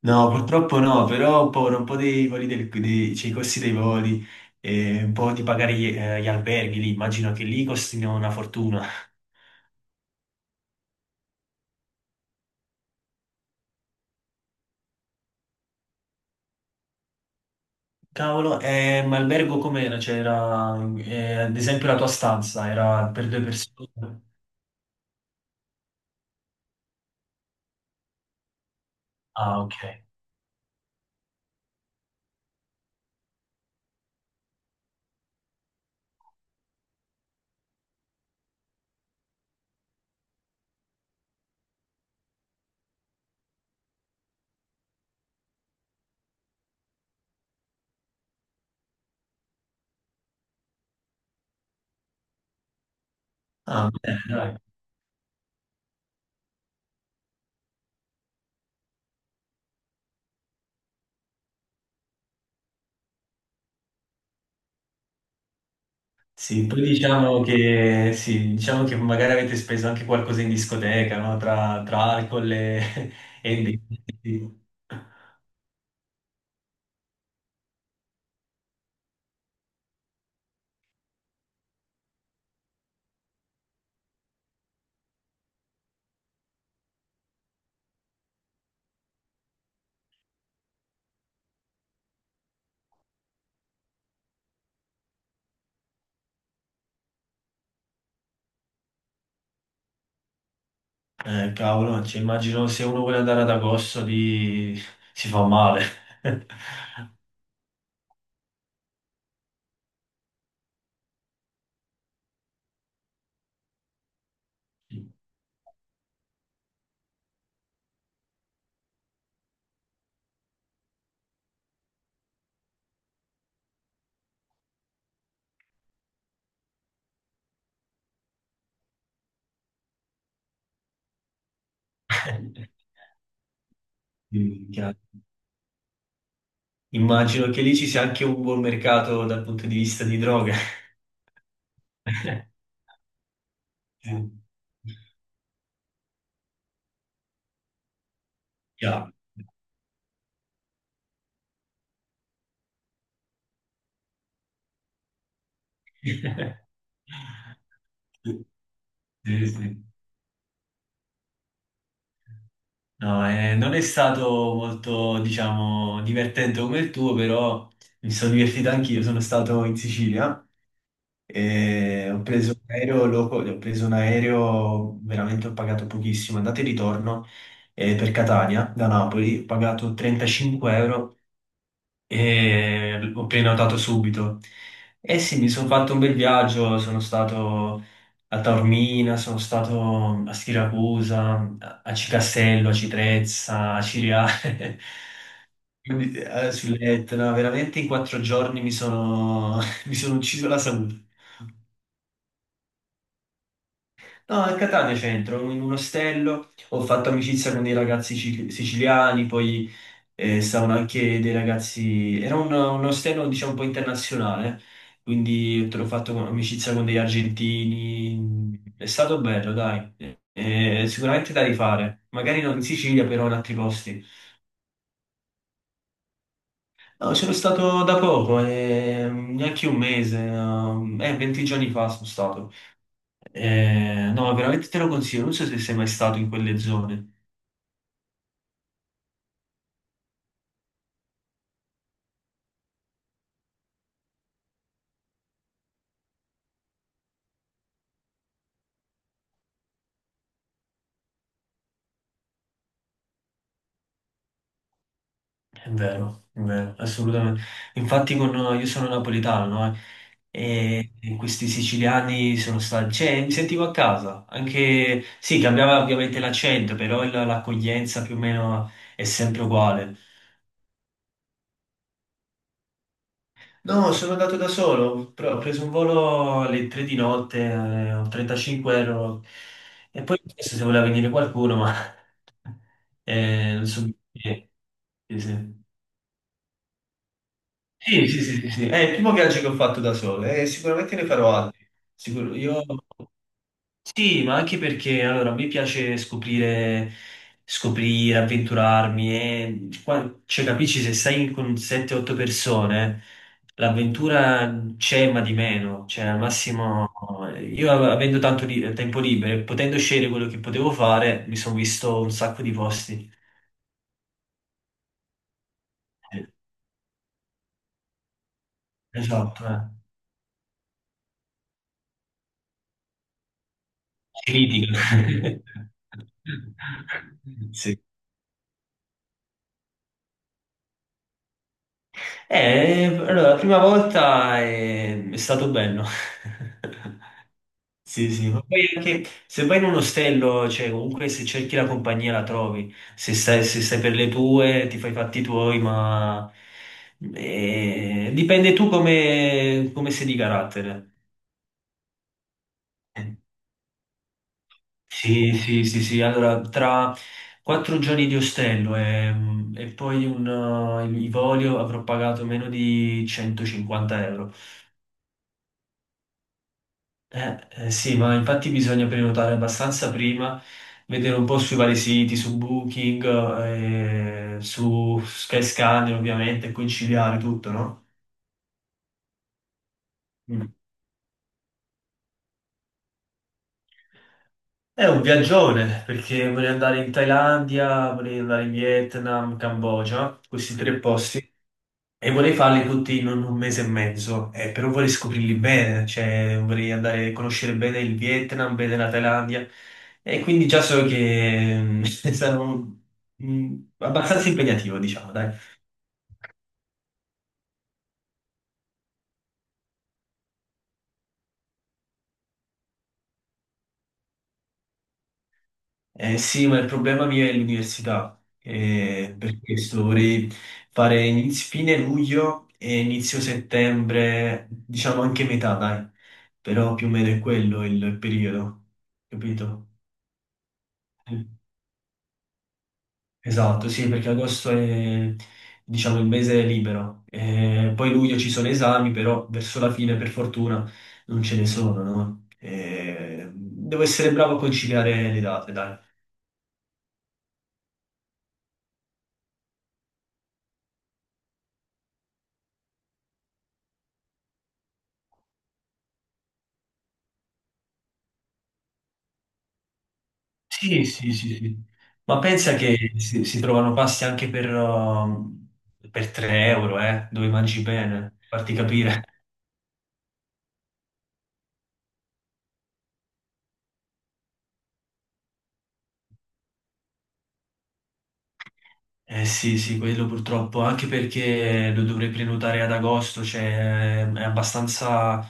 No, purtroppo no, però ho paura un po' dei voli cioè, i costi dei voli e un po' di pagare gli alberghi lì. Immagino che lì costino una fortuna. Cavolo, ma albergo com'era? C'era, ad esempio, la tua stanza era per due persone? Ah, ok. Ah, bene, dai. Sì, poi diciamo che, sì, diciamo che magari avete speso anche qualcosa in discoteca, no? Tra alcol e... e... bibite. Cavolo, cioè, immagino se uno vuole andare ad agosto di... si fa male. Mm, chiaro. Immagino che lì ci sia anche un buon mercato dal punto di vista di droghe. Sì. Chiaro. Sì, sì. No, non è stato molto, diciamo, divertente come il tuo, però mi sono divertito anch'io. Sono stato in Sicilia e ho preso un aereo, ho preso un aereo, veramente ho pagato pochissimo, andata e ritorno per Catania da Napoli, ho pagato 35 euro e ho prenotato subito. E sì, mi sono fatto un bel viaggio, sono stato a Taormina, sono stato a Siracusa, a Cicastello, a Citrezza, a Ciriale. Quindi, sull'Etna, veramente in quattro giorni mi sono, mi sono ucciso la salute. No, a Catania centro, in un ostello, ho fatto amicizia con dei ragazzi siciliani, poi stavano anche dei ragazzi... Era un ostello, diciamo, un po' internazionale, quindi te l'ho fatto amicizia con degli argentini. È stato bello, dai. Sicuramente da rifare. Magari non in Sicilia, però in altri posti. No, sono stato da poco, neanche un mese, 20 giorni fa sono stato. No, veramente te lo consiglio, non so se sei mai stato in quelle zone. È vero, assolutamente. Infatti con, io sono napoletano, no? Mm. E questi siciliani sono stati, cioè mi sentivo a casa, anche, sì, cambiava ovviamente l'accento, però l'accoglienza più o meno è sempre uguale. No, sono andato da solo, però ho preso un volo alle 3 di notte, ho 35 euro, e poi ho chiesto se voleva venire qualcuno, ma non so perché. Sì, sì. Sì, sì, sì, sì, sì. È il primo viaggio che ho fatto da solo e sicuramente ne farò altri. Sicuro. Io... Sì, ma anche perché allora, mi piace scoprire, scoprire, avventurarmi e cioè, capisci, se stai con 7-8 persone, l'avventura c'è ma di meno. Cioè, al massimo, io avendo tanto tempo libero e potendo scegliere quello che potevo fare, mi sono visto un sacco di posti. Eh, Esatto, eh. Critica. Sì. Allora, la prima volta è stato bello. Sì, sì, ma poi anche se vai in un ostello, cioè comunque se cerchi la compagnia la trovi, se stai, se stai per le tue ti fai i fatti tuoi, ma dipende tu come, come sei di carattere. Sì, sì, sì, sì. Allora, tra quattro giorni di ostello e poi i voli avrò pagato meno di 150 euro. Sì, ma infatti bisogna prenotare abbastanza prima, vedere un po' sui vari siti, su Booking, su Skyscanner ovviamente, e conciliare tutto, no? Mm. È un viaggione, perché vorrei andare in Thailandia, vorrei andare in Vietnam, Cambogia, questi tre posti. E vorrei farli tutti in un mese e mezzo, però vorrei scoprirli bene, cioè vorrei andare a conoscere bene il Vietnam, bene la Thailandia, e quindi già so che sarò abbastanza impegnativo, diciamo, dai. Sì, ma il problema mio è l'università, per questo vorrei fare fine luglio e inizio settembre, diciamo anche metà, dai, però più o meno è quello il periodo, capito? Esatto, sì, perché agosto è, diciamo, il mese libero. Poi luglio ci sono esami, però verso la fine, per fortuna, non ce ne sono, no? Devo essere bravo a conciliare le date, dai. Sì, sì, sì, sì. Ma pensa che si trovano pasti anche per 3 euro, dove mangi bene, farti capire. Eh sì, sì, quello purtroppo, anche perché lo dovrei prenotare ad agosto, cioè è abbastanza,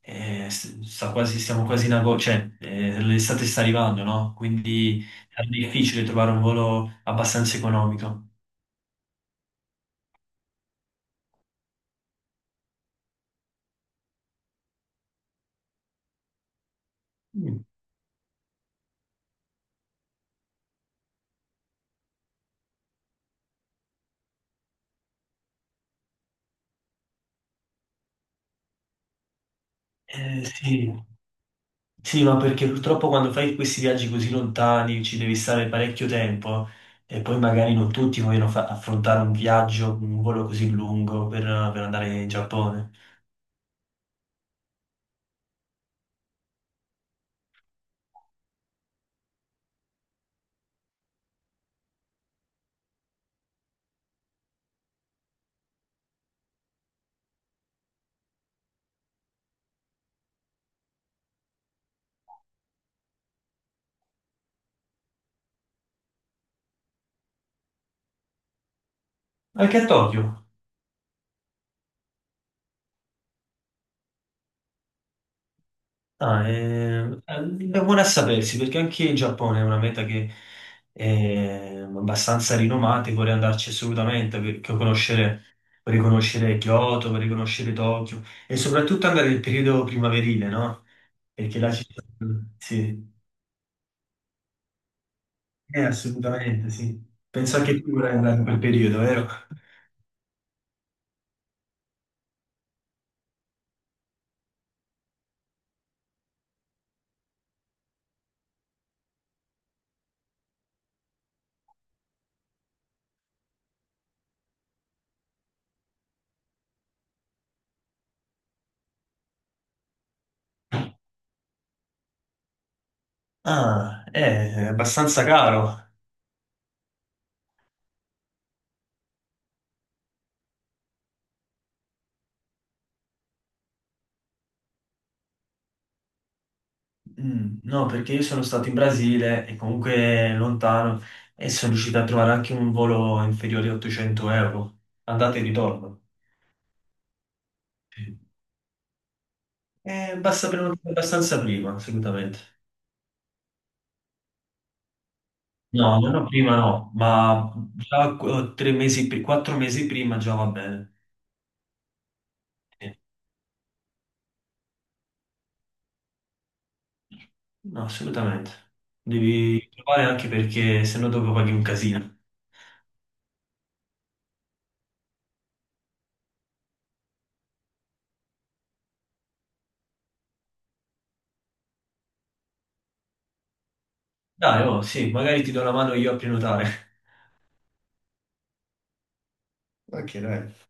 sta quasi, siamo quasi in agosto, cioè l'estate sta arrivando, no? Quindi è difficile trovare un volo abbastanza economico. Mm. Sì. Sì, ma perché purtroppo quando fai questi viaggi così lontani ci devi stare parecchio tempo e poi magari non tutti vogliono affrontare un viaggio, un volo così lungo per andare in Giappone. Anche a Tokyo. Ah, è buona a sapersi perché anche in Giappone è una meta che è abbastanza rinomata e vorrei andarci assolutamente per conoscere, per riconoscere Kyoto, per riconoscere Tokyo e soprattutto andare nel periodo primaverile, no? Perché là ci sono... Sì, eh, assolutamente sì. Penso anche tu vorrai andare in quel periodo, vero? Ah, è abbastanza caro. Mm. No, perché io sono stato in Brasile e comunque lontano e sono riuscito a trovare anche un volo inferiore a 800 euro, andata e ritorno. Sì. Basta prenotare abbastanza prima, assolutamente. No, no, no, prima no, ma già tre mesi, quattro mesi prima già va bene. Sì. No, assolutamente. Devi provare anche perché se no dopo paghi un casino. Dai, oh, sì, magari ti do la mano io a prenotare. Ok, dai.